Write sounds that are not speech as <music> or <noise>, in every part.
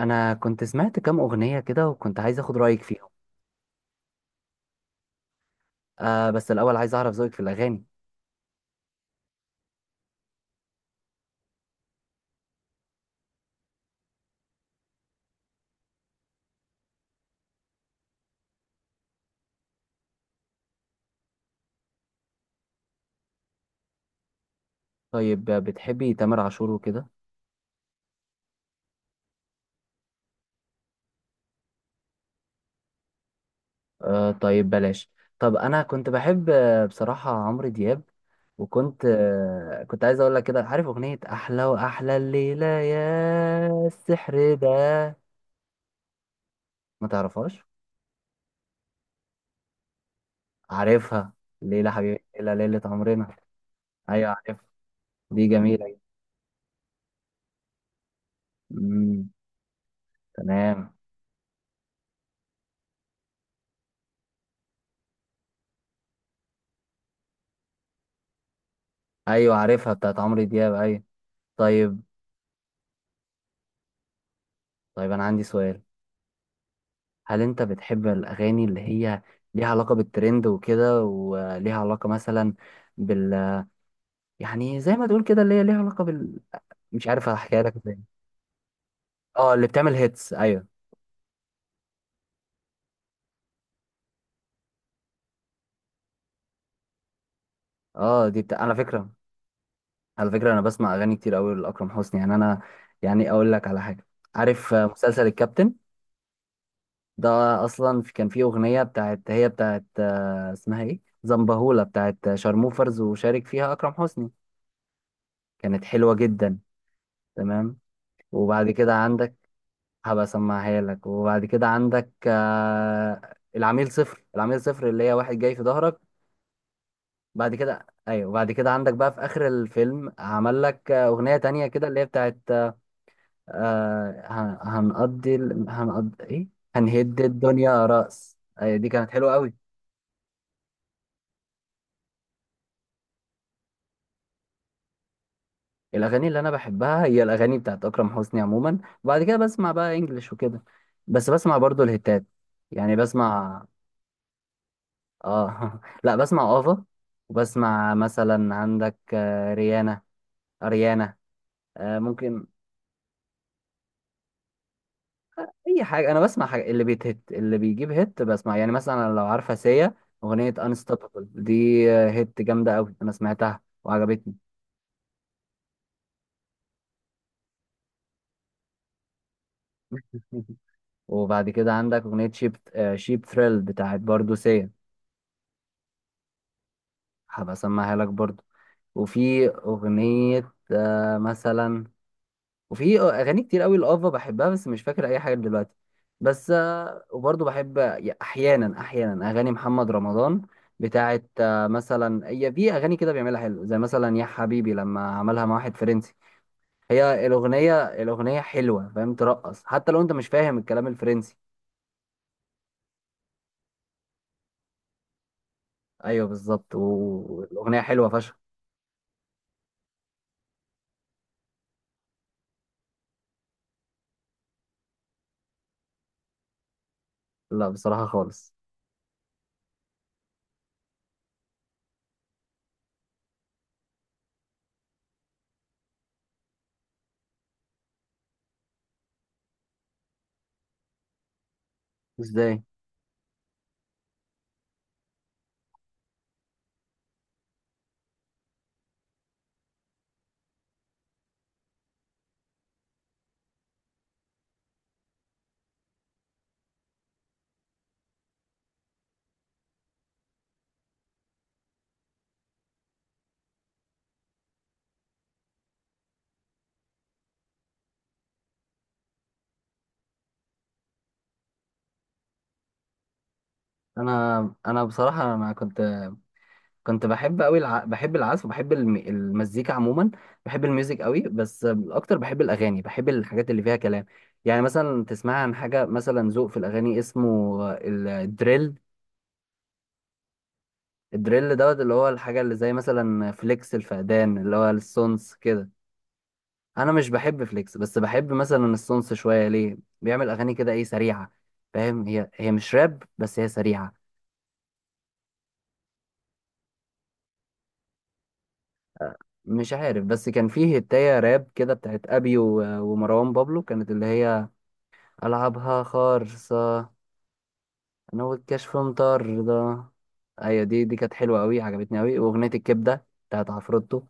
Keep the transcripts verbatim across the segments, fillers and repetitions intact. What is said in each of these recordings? انا كنت سمعت كام اغنيه كده وكنت عايز اخد رايك فيهم. آه بس الاول عايز اعرف ذوقك في الاغاني. طيب آه، بتحبي تامر عاشور وكده؟ آه طيب بلاش. طب انا كنت بحب آه، بصراحه عمرو دياب، وكنت آه كنت عايز اقول لك كده، عارف اغنيه احلى واحلى الليله يا السحر ده؟ ما تعرفهاش؟ عارفها. ليلى حبيبي ليلى ليله عمرنا. ايوه عارفها. دي جميله. امم. تمام. ايوه عارفها بتاعت عمرو دياب، ايوه. طيب. طيب انا عندي سؤال. هل انت بتحب الاغاني اللي هي ليها علاقة بالترند وكده، وليها علاقة مثلا بال، يعني زي ما تقول كده اللي هي ليها علاقة بال، مش عارف احكيها لك ازاي. اه اللي بتعمل هيتس، ايوه. اه دي بتاع على فكرة. على فكرة انا بسمع اغاني كتير قوي لاكرم حسني، يعني انا يعني اقول لك على حاجة. عارف آه، مسلسل الكابتن ده؟ اصلا في كان فيه اغنية بتاعت هي بتاعت آه، اسمها ايه، زنبهولة، بتاعت شارموفرز وشارك فيها اكرم حسني. كانت حلوة جدا. تمام. وبعد كده عندك، هبقى اسمعها لك. وبعد كده عندك آه، العميل صفر. العميل صفر اللي هي واحد جاي في ظهرك. بعد كده ايوه. وبعد كده عندك بقى في اخر الفيلم، عمل لك آه، اغنية تانية كده اللي هي بتاعت آه، هن- هنقضي ال- هنقضي ايه، هنهد الدنيا رأس. أيوة دي كانت حلوة قوي. الاغاني اللي انا بحبها هي الاغاني بتاعت اكرم حسني عموما. وبعد كده بسمع بقى انجلش وكده، بس بسمع برضو الهتات. يعني بسمع، اه. <laughs> لا بسمع افا. وبسمع مثلا عندك آه، ريانا، اريانا، آه، ممكن اي حاجه. انا بسمع حاجة اللي بيتهت، اللي بيجيب هيت، بسمع يعني مثلا لو عارفه سيا، اغنيه انستوبابل دي آه، هيت جامده قوي، انا سمعتها وعجبتني. <laughs> وبعد كده عندك اغنيه شيب شيب ثريل بتاعت برضو سيا. هبقى اسمعها لك برضو. وفي اغنيه آه، مثلا، وفي اغاني كتير قوي لافا بحبها، بس مش فاكر اي حاجه دلوقتي. بس آه، وبرضه بحب احيانا احيانا اغاني محمد رمضان، بتاعت آه، مثلا. هي في اغاني كده بيعملها حلو، زي مثلا يا حبيبي لما عملها مع واحد فرنسي. هي الاغنيه الاغنيه حلوه، فاهم، ترقص حتى لو انت مش فاهم الكلام الفرنسي. ايوه بالظبط، والاغنيه حلوه فشخ. لا بصراحه خالص. ازاي؟ انا انا بصراحه انا كنت كنت بحب قوي الع... بحب العزف، وبحب الم... المزيكا عموما. بحب الميوزك قوي، بس اكتر بحب الاغاني، بحب الحاجات اللي فيها كلام. يعني مثلا تسمع عن حاجه مثلا، ذوق في الاغاني اسمه ال- الدريل. الدريل دوت، اللي هو الحاجه اللي زي مثلا فليكس الفقدان، اللي هو السونس كده. انا مش بحب فليكس، بس بحب مثلا السونس شويه، ليه بيعمل اغاني كده ايه، سريعه. فاهم، هي هي مش راب بس هي سريعه. مش عارف، بس كان فيه هتايه راب كده بتاعت ابي و... ومروان بابلو، كانت اللي هي ألعبها خالصة، أنا والكشف مطر ده. أيوة دي دي كانت حلوة أوي، عجبتني أوي، وأغنية الكبدة بتاعت عفروتو.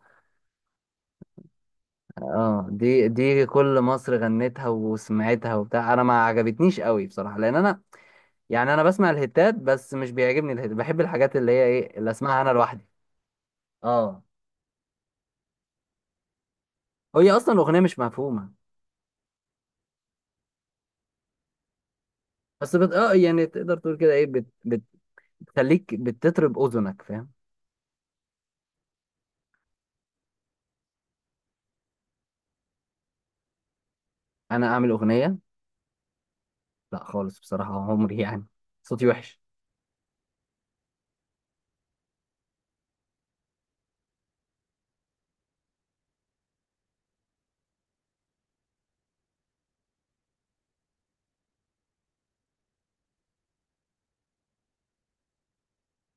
اه دي دي كل مصر غنتها وسمعتها وبتاع. أنا ما عجبتنيش أوي بصراحة، لأن أنا يعني أنا بسمع الهيتات بس مش بيعجبني الهيت، بحب الحاجات اللي هي إيه اللي أسمعها أنا لوحدي. اه هي أصلا الأغنية مش مفهومة. بس بت... اه يعني تقدر تقول كده إيه، بت... بت- بتخليك بتطرب أذنك، فاهم. أنا أعمل أغنية؟ لا خالص بصراحة، عمري يعني، صوتي وحش.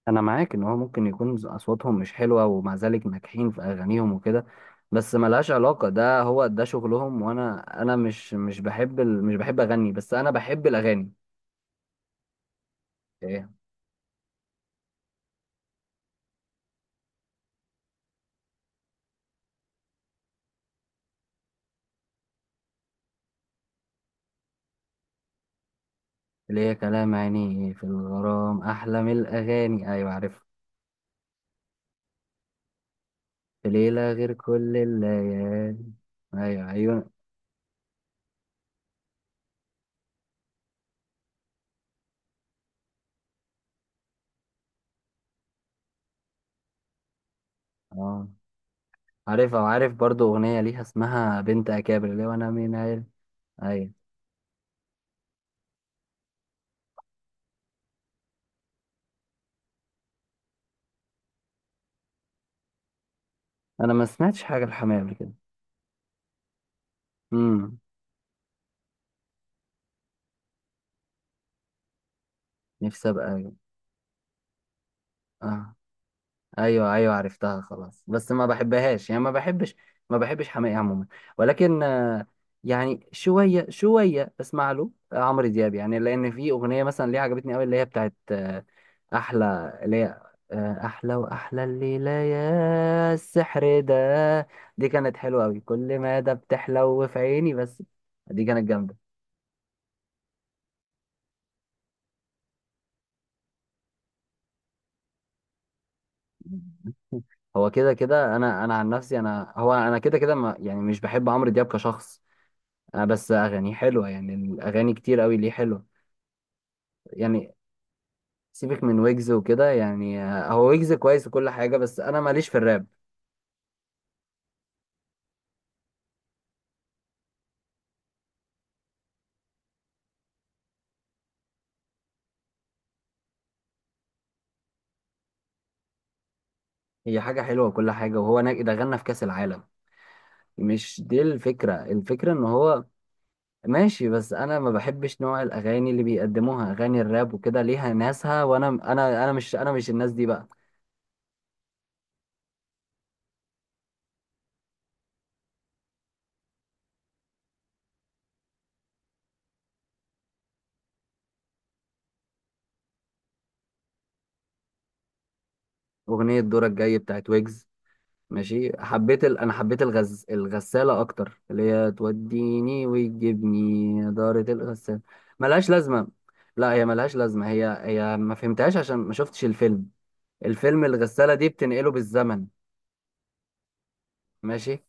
انا معاك ان هو ممكن يكون ز- اصواتهم مش حلوه، ومع ذلك ناجحين في اغانيهم وكده، بس ملهاش علاقه، ده هو ده شغلهم. وانا انا مش مش بحب ال... مش بحب اغني، بس انا بحب الاغاني. ايه؟ ليه كلام عيني في الغرام احلى من الاغاني. ايوه عارف. في ليله غير كل الليالي. ايوه، عيون. اه عارفها، وعارف برضو اغنيه ليها اسمها بنت اكابر، اللي هو انا مين عيل. ايوه. انا ما سمعتش حاجه الحماية قبل كده. امم. نفسي ابقى. آه. ايوه ايوه عرفتها، خلاص، بس ما بحبهاش، يعني ما بحبش، ما بحبش حماقي عموما. ولكن آه، يعني شويه شويه اسمع له عمرو دياب، يعني لان في اغنيه مثلا ليه عجبتني قوي، اللي هي بتاعت آه، احلى اللي هي آه، احلى واحلى الليله يا السحر ده. دي كانت حلوه قوي، كل ما ده بتحلو في عيني بس. دي كانت جامده. <laughs> هو كده كده، انا انا عن نفسي، انا هو انا كده كده، ما يعني مش بحب عمرو دياب كشخص. آه بس اغاني حلوه، يعني الاغاني كتير قوي ليه حلوه. يعني سيبك من ويجز وكده، يعني آه، هو ويجز كويس وكل حاجه، بس انا ماليش في الراب. هي حاجه حلوه وكل حاجه، وهو نج- ده غنى في كاس العالم. مش دي الفكره، الفكره ان هو ماشي، بس انا ما بحبش نوع الاغاني اللي بيقدموها، اغاني الراب وكده ليها ناسها، وانا انا انا مش انا مش الناس دي بقى. اغنيه دورك جاي بتاعت ويجز، ماشي. حبيت ال... انا حبيت الغز... الغساله اكتر، اللي هي توديني وتجيبني دارة الغسالة. ملهاش لازمه. لا هي ملهاش لازمه، هي هي ما فهمتهاش عشان ما شفتش الفيلم. الفيلم الغساله دي بتنقله بالزمن، ماشي.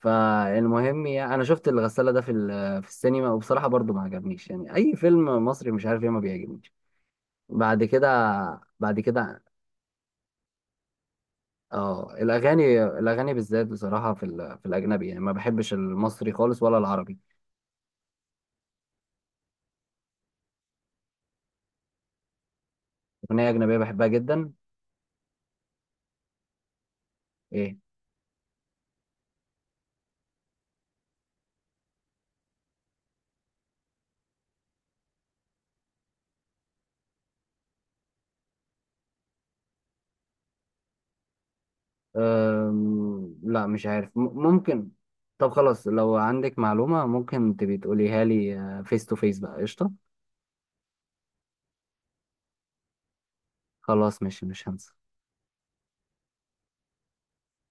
فالمهم يعني انا شفت الغساله ده في ال... في السينما، وبصراحه برضو ما عجبنيش. يعني اي فيلم مصري مش عارف ايه ما بيعجبنيش. بعد كده بعد كده اه الاغاني الاغاني بالذات بصراحه في ال... في الاجنبي، يعني ما بحبش المصري خالص ولا العربي. أغنية أجنبية بحبها جدا. إيه؟ أم... لا مش عارف م... ممكن. طب خلاص لو عندك معلومة ممكن تبي تقوليها لي فيس تو فيس بقى، قشطة. خلاص ماشي مش هنسى.